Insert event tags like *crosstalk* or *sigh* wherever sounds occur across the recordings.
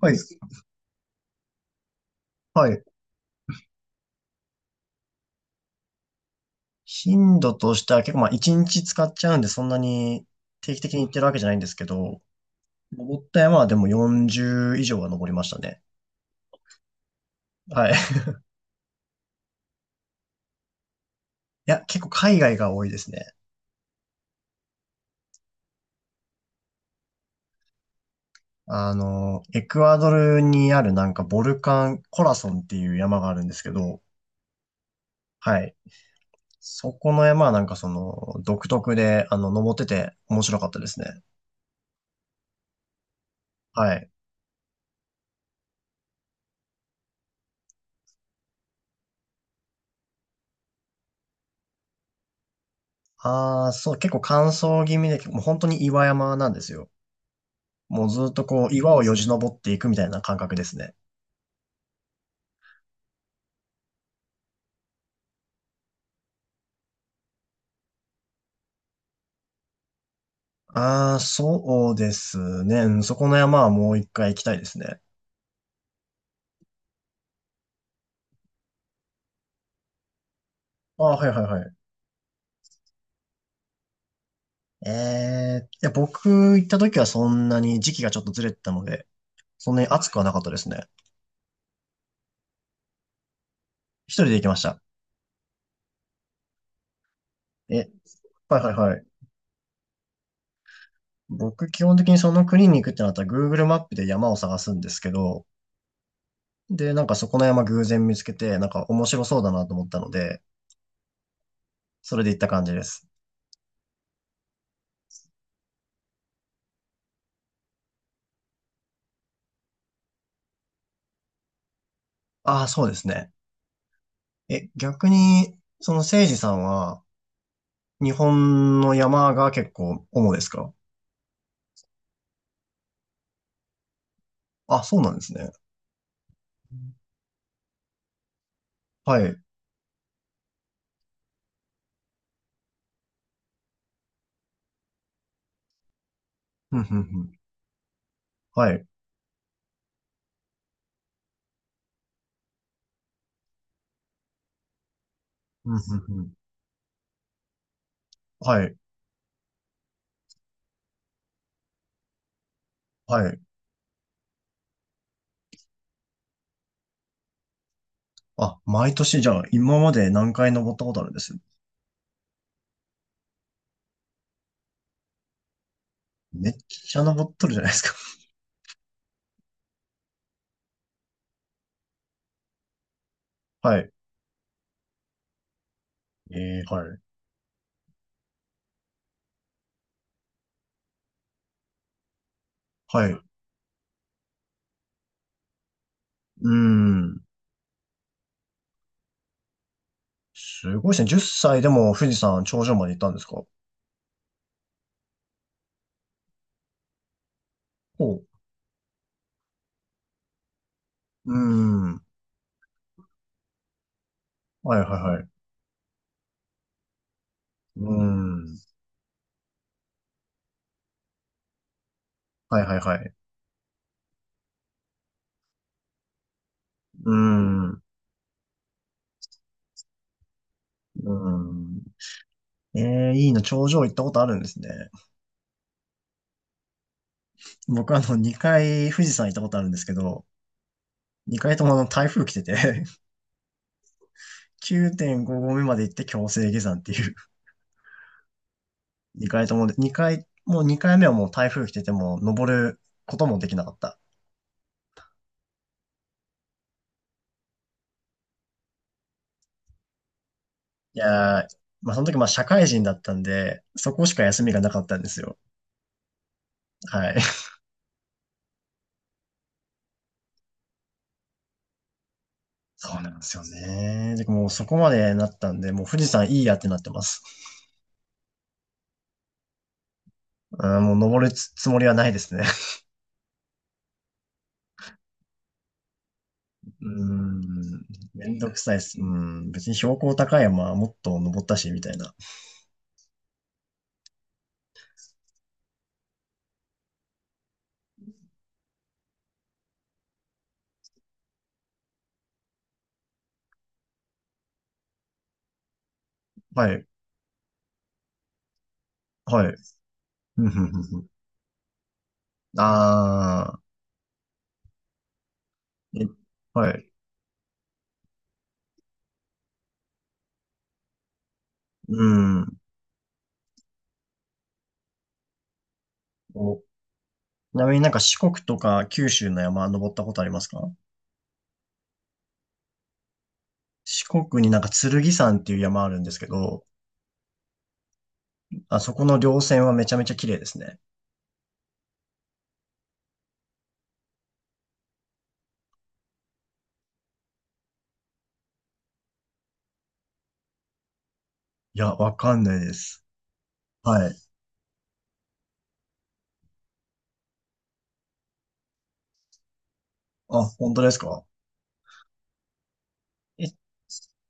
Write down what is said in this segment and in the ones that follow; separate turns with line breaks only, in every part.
はい。はい。頻度としては結構まあ1日使っちゃうんでそんなに定期的に行ってるわけじゃないんですけど、登った山はでも40以上は登りましたね。はい。*laughs* いや、結構海外が多いですね。あの、エクアドルにあるなんかボルカン、コラソンっていう山があるんですけど、はい。そこの山はなんかその独特で、あの、登ってて面白かったですね。はい。ああ、そう、結構乾燥気味で、もう本当に岩山なんですよ。もうずっとこう、岩をよじ登っていくみたいな感覚ですね。ああ、そうですね。うん、そこの山はもう一回行きたいですね。ああ、はいはいはい。ええ、いや、僕行った時はそんなに時期がちょっとずれてたので、そんなに暑くはなかったですね。一人で行きました。え、はいはいはい。僕基本的にその国に行くってなったら Google マップで山を探すんですけど、で、なんかそこの山偶然見つけて、なんか面白そうだなと思ったので、それで行った感じです。ああ、そうですね。え、逆に、その誠司さんは、日本の山が結構主ですか？あ、そうなんですね。はい。ふんふんふん。はい。ふんふんふん。はい。はい。あ、毎年じゃあ、今まで何回登ったことあるんです？めっちゃ登っとるじゃないですか。*laughs* はい。えー、はい。はい。うーん。すごいですね。10歳でも富士山頂上まで行ったんですか？ほう。うーん。はいはいはい。うーん。はいはいはい。うーん。うーん。ええ、いいな、頂上行ったことあるんですね。僕あの、2回富士山行ったことあるんですけど、2回ともあの、台風来てて9.5 *laughs* 合目まで行って強制下山っていう。2回ともで、2回、もう2回目はもう台風来てても、登ることもできなかった。いやー、まあその時まあ社会人だったんで、そこしか休みがなかったんですよ。はい。*laughs* そうなんですよね。で、もうそこまでなったんで、もう富士山いいやってなってます。うん、もう登るつつもりはないですね。うーん、めんどくさいです。うん、別に標高高い山はもっと登ったし、みたいな。はい、はい。うん、ふんふんふん。あー、え、はい。うん。お、ちなみになんか四国とか九州の山登ったことありますか？四国になんか剣山っていう山あるんですけど、あそこの稜線はめちゃめちゃ綺麗ですね。いや、わかんないです。はい。あ、本当ですか？え、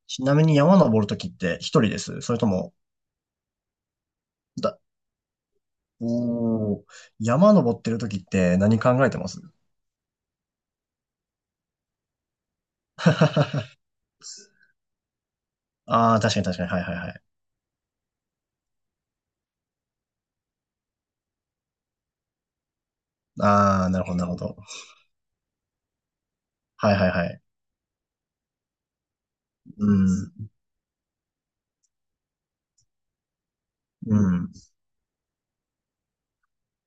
ちなみに山登るときって一人です？それとも、おー、山登ってる時って何考えてます？ああー、確かに確かに。はいはいはい。ああ、なるほどなるほど。はいはいはい。うん。うん。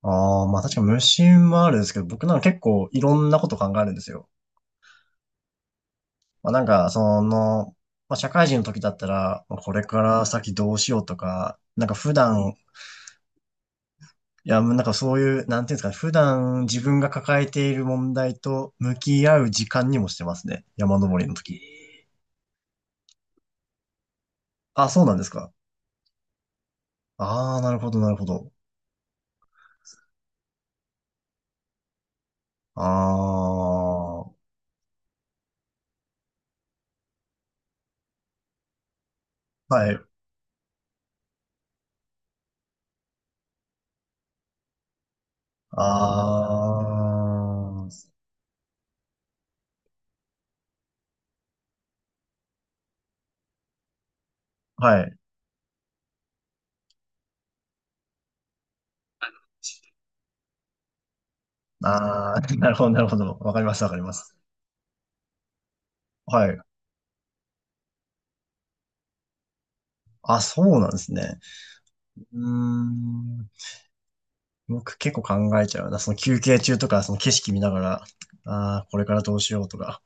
ああ、まあ確かに無心はあるんですけど、僕なんか結構いろんなこと考えるんですよ。まあなんか、その、まあ社会人の時だったら、まあこれから先どうしようとか、なんか普段、いや、もうなんかそういう、なんていうんですかね、普段自分が抱えている問題と向き合う時間にもしてますね。山登りの時。あ、そうなんですか。ああ、なるほど、なるほど。ああ、はい。ああ、はい。ああ、*laughs* なるほど、なるほど。わかります、わかります。はい。あ、そうなんですね。うーん。僕結構考えちゃうな。その休憩中とか、その景色見ながら、ああ、これからどうしようとか。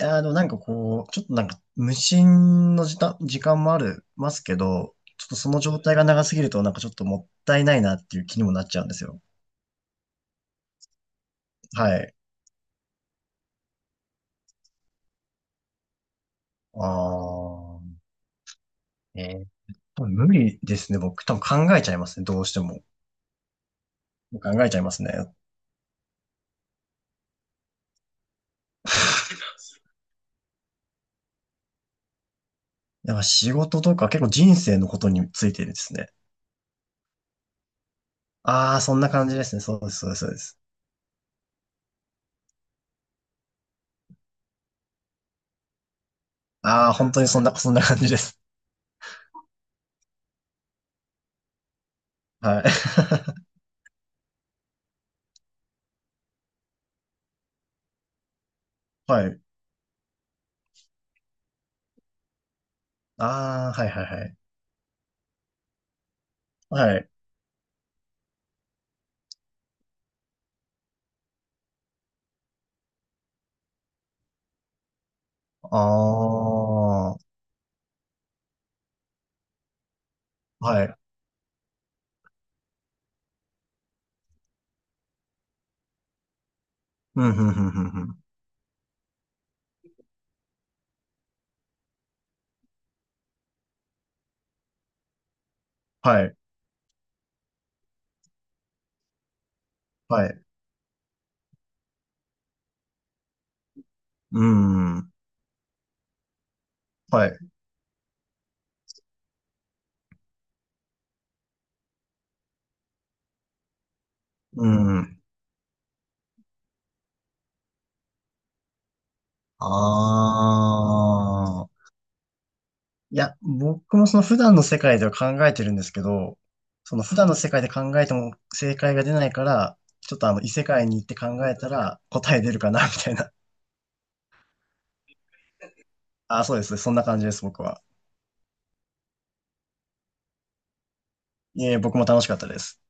いやー、でもなんかこう、ちょっとなんか無心の時間、時間もある、ますけど、ちょっとその状態が長すぎるとなんかちょっともったいないなっていう気にもなっちゃうんですよ。はい。ああ。えー、多分無理ですね。僕多分考えちゃいますね。どうしても。考えちゃいますね。*laughs* だか仕事とか結構人生のことについてですね。ああ、そんな感じですね。そうです、そうです、そうです。ああ、本当にそんな、*laughs* そんな感じです。はい。*laughs* はい。ああ、はい、はい、はい。はい。ああ、はい。うん、うん、うん、うん、うん。はい、はい。うん、はい。うん。ああ。いや、僕もその普段の世界では考えてるんですけど、その普段の世界で考えても正解が出ないから、ちょっとあの異世界に行って考えたら答え出るかな、みたいな。あ、そうです。そんな感じです、僕は。いえ、僕も楽しかったです。